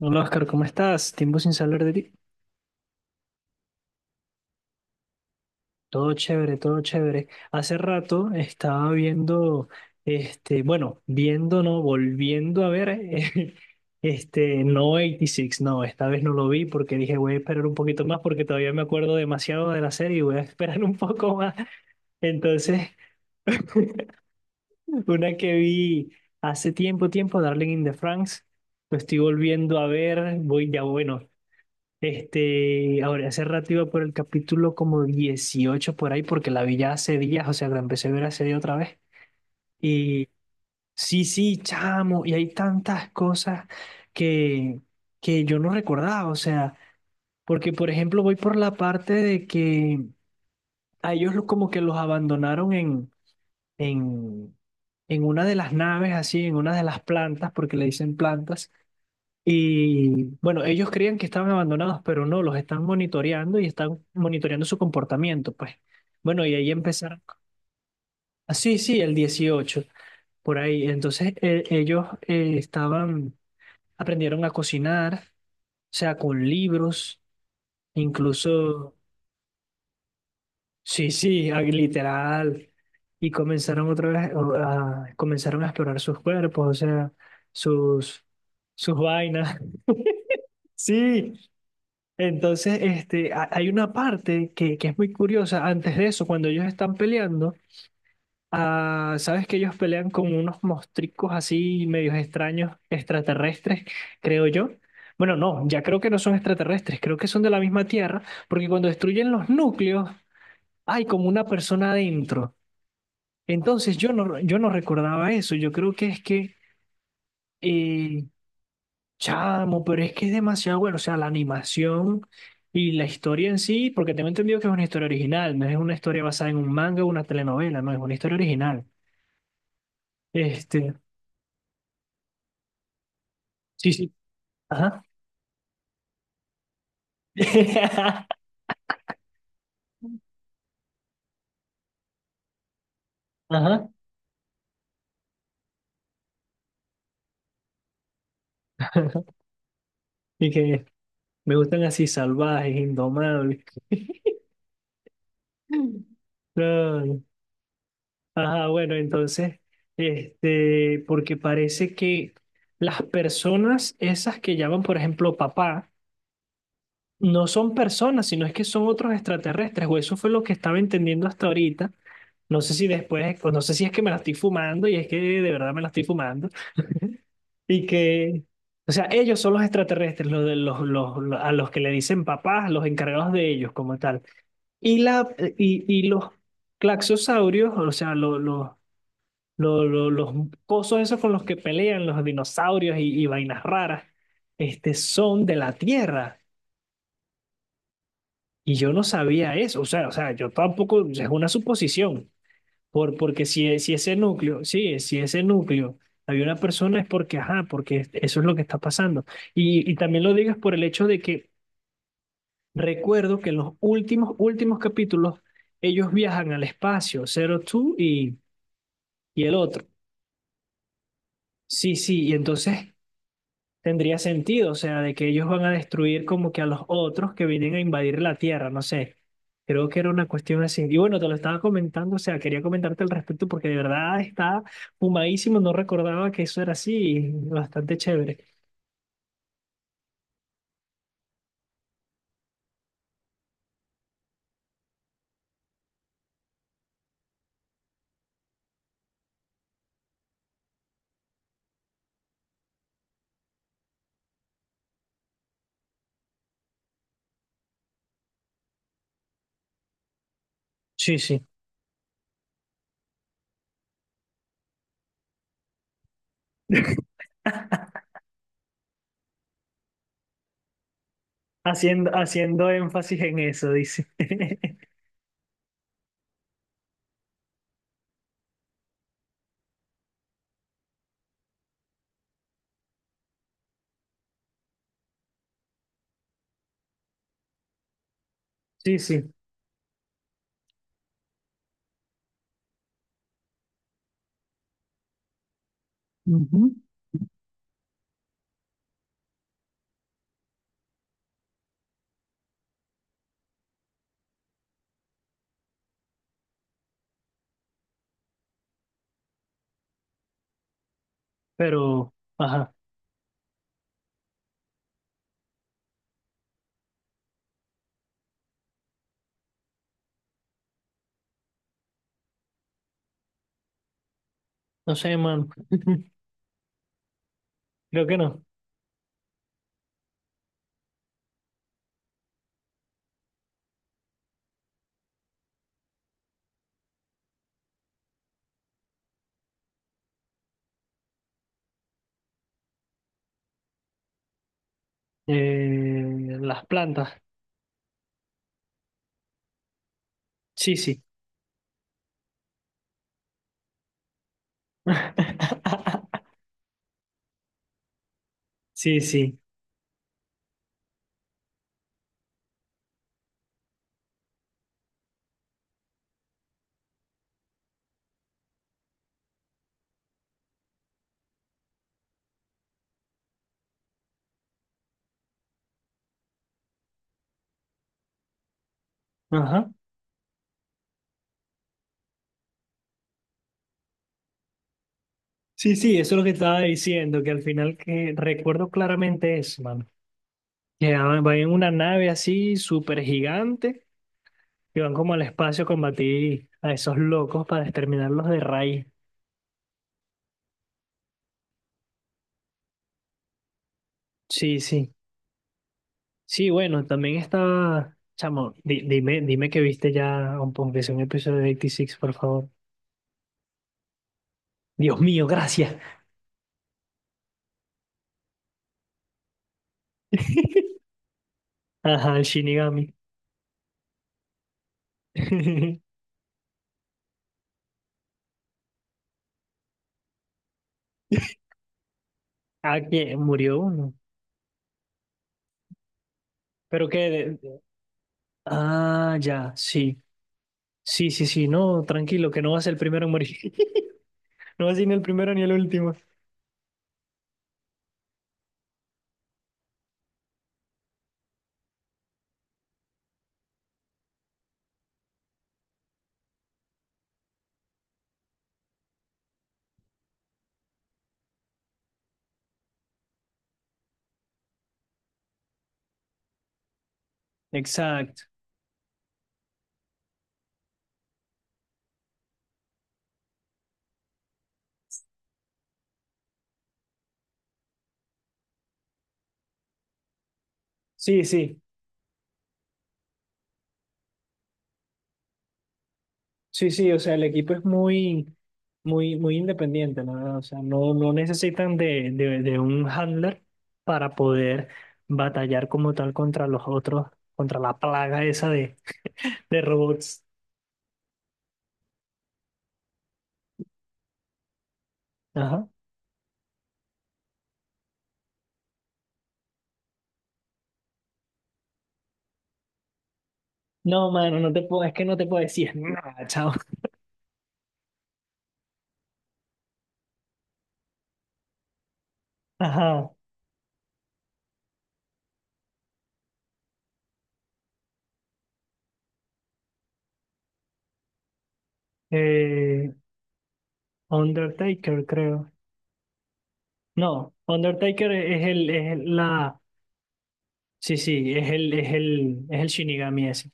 Hola Oscar, ¿cómo estás? Tiempo sin saber de ti. Todo chévere, todo chévere. Hace rato estaba viendo, este, bueno, viendo, no, volviendo a ver, este, no 86, no, esta vez no lo vi porque dije voy a esperar un poquito más porque todavía me acuerdo demasiado de la serie y voy a esperar un poco más. Entonces, una que vi hace tiempo, tiempo, Darling in the Franxx, lo estoy volviendo a ver, voy ya, bueno, este, ahora, hace rato iba por el capítulo como 18 por ahí, porque la vi ya hace días, o sea, la empecé a ver hace día otra vez. Y sí, sí, chamo, y hay tantas cosas que, que yo no recordaba, o sea, porque por ejemplo voy por la parte de que a ellos lo- como que los abandonaron en, en una de las naves, así, en una de las plantas, porque le dicen plantas. Y bueno, ellos creían que estaban abandonados, pero no, los están monitoreando y están monitoreando su comportamiento, pues. Bueno, y ahí empezaron. Ah, sí, sí, el 18 por ahí. Entonces, ellos estaban, aprendieron a cocinar, o sea, con libros, incluso, sí, sí, ah, literal. Y comenzaron otra vez, o, a- comenzaron a explorar sus cuerpos, o sea, sus, sus vainas. Sí, entonces, este, ha- hay una parte que es muy curiosa. Antes de eso, cuando ellos están peleando, ah, sabes que ellos pelean con unos mostricos así medios extraños, extraterrestres, creo yo. Bueno, no, ya creo que no son extraterrestres, creo que son de la misma Tierra, porque cuando destruyen los núcleos, hay como una persona adentro. Entonces, yo no, yo no recordaba eso. Yo creo que es que eh, chamo, pero es que es demasiado bueno. O sea, la animación y la historia en sí, porque tengo entendido que es una historia original, no es una historia basada en un manga o una telenovela, no, es una historia original. Este, sí, sí. Ajá. Ajá. Y que me gustan así salvajes, indomables. No, ajá, bueno, entonces, este, porque parece que las personas esas que llaman, por ejemplo, papá, no son personas, sino es que son otros extraterrestres, o eso fue lo que estaba entendiendo hasta ahorita. No sé si después, o no sé si es que me la estoy fumando y es que de verdad me la estoy fumando. Y que, o sea, ellos son los extraterrestres, los, de- los- a los que le dicen papás, los encargados de ellos como tal. Y, la, y los claxosaurios, o sea, los cosos esos con los que pelean los dinosaurios y vainas raras, este, son de la Tierra. Y yo no sabía eso, o sea, yo tampoco, o sea, es una suposición, por, porque si, si ese núcleo, sí, si ese núcleo había una persona es porque, ajá, porque es- eso es lo que está pasando. Y también lo digas por el hecho de que recuerdo que en los últimos capítulos ellos viajan al espacio, Zero Two y el otro. Sí, sí, y entonces tendría sentido, o sea, de que ellos van a destruir como que a los otros que vienen a invadir la Tierra, no sé. Creo que era una cuestión así. Y bueno, te lo estaba comentando, o sea, quería comentarte al respecto porque de verdad está fumadísimo, no recordaba que eso era así, y bastante chévere. Sí, sí. Haciendo, haciendo énfasis en eso, dice. Sí, sí. Ujú. Pero, ajá, no sé, man. Creo que no. Las plantas. Sí, sí. Sí, sí. Ajá. Sí, sí, eso es lo que estaba diciendo, que al final que recuerdo claramente eso, mano. Que ah, van en una nave así súper gigante y van como al espacio a combatir a esos locos para exterminarlos de raíz. Sí, sí. Sí, bueno, también estaba, chamo, di- dime, dime que viste ya, aunque sea un episodio de 86, por favor. Dios mío, gracias. Ajá, el Shinigami. Ah, que murió uno. Pero que... de- ah, ya, sí. Sí, sí, sí, no, tranquilo, que no vas el primero en morir. No vas a ser ni el primero ni el último. Exacto. Sí, sí, sí, sí, o sea, el equipo es muy, muy, muy independiente, la verdad. O sea, no, no necesitan de un handler para poder batallar como tal contra los otros, contra la plaga esa de robots. Ajá. No, mano, no te puedo, es que no te puedo decir nada, chao. Ajá. Eh, Undertaker, creo. No, Undertaker es el- la, sí, sí, es el, es el, es el Shinigami ese.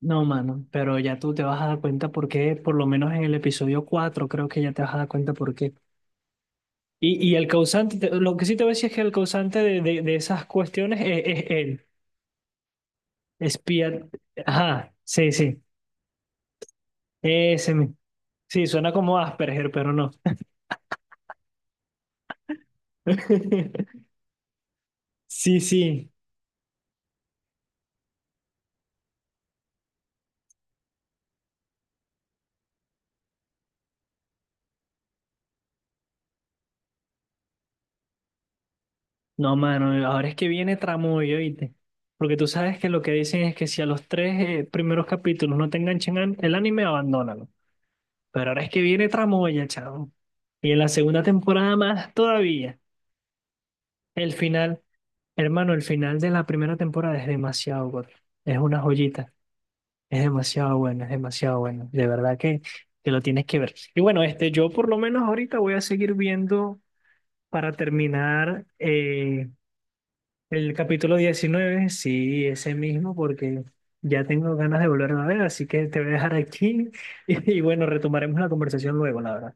No, mano, pero ya tú te vas a dar cuenta por qué, por lo menos en el episodio 4 creo que ya te vas a dar cuenta por qué. Y el causante, te- lo que sí te voy a decir es que el causante de esas cuestiones es él, espía. Ajá, sí, sí, ese, mi- sí, suena como Asperger, pero no. Sí, sí. No, mano, ahora es que viene tramoyo, ¿viste? Porque tú sabes que lo que dicen es que si a los tres primeros capítulos no te enganchan an- el anime, abandónalo. Pero ahora es que viene tramoya, chavo. Y en la segunda temporada más todavía. El final, hermano, el final de la primera temporada es demasiado bueno. Es una joyita. Es demasiado bueno, es demasiado bueno. De verdad que lo tienes que ver. Y bueno, este, yo por lo menos ahorita voy a seguir viendo para terminar. El capítulo 19 sí, ese mismo, porque ya tengo ganas de volverlo a ver, así que te voy a dejar aquí y bueno, retomaremos la conversación luego, la verdad.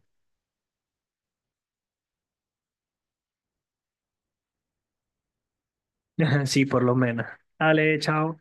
Sí, por lo menos. Dale, chao.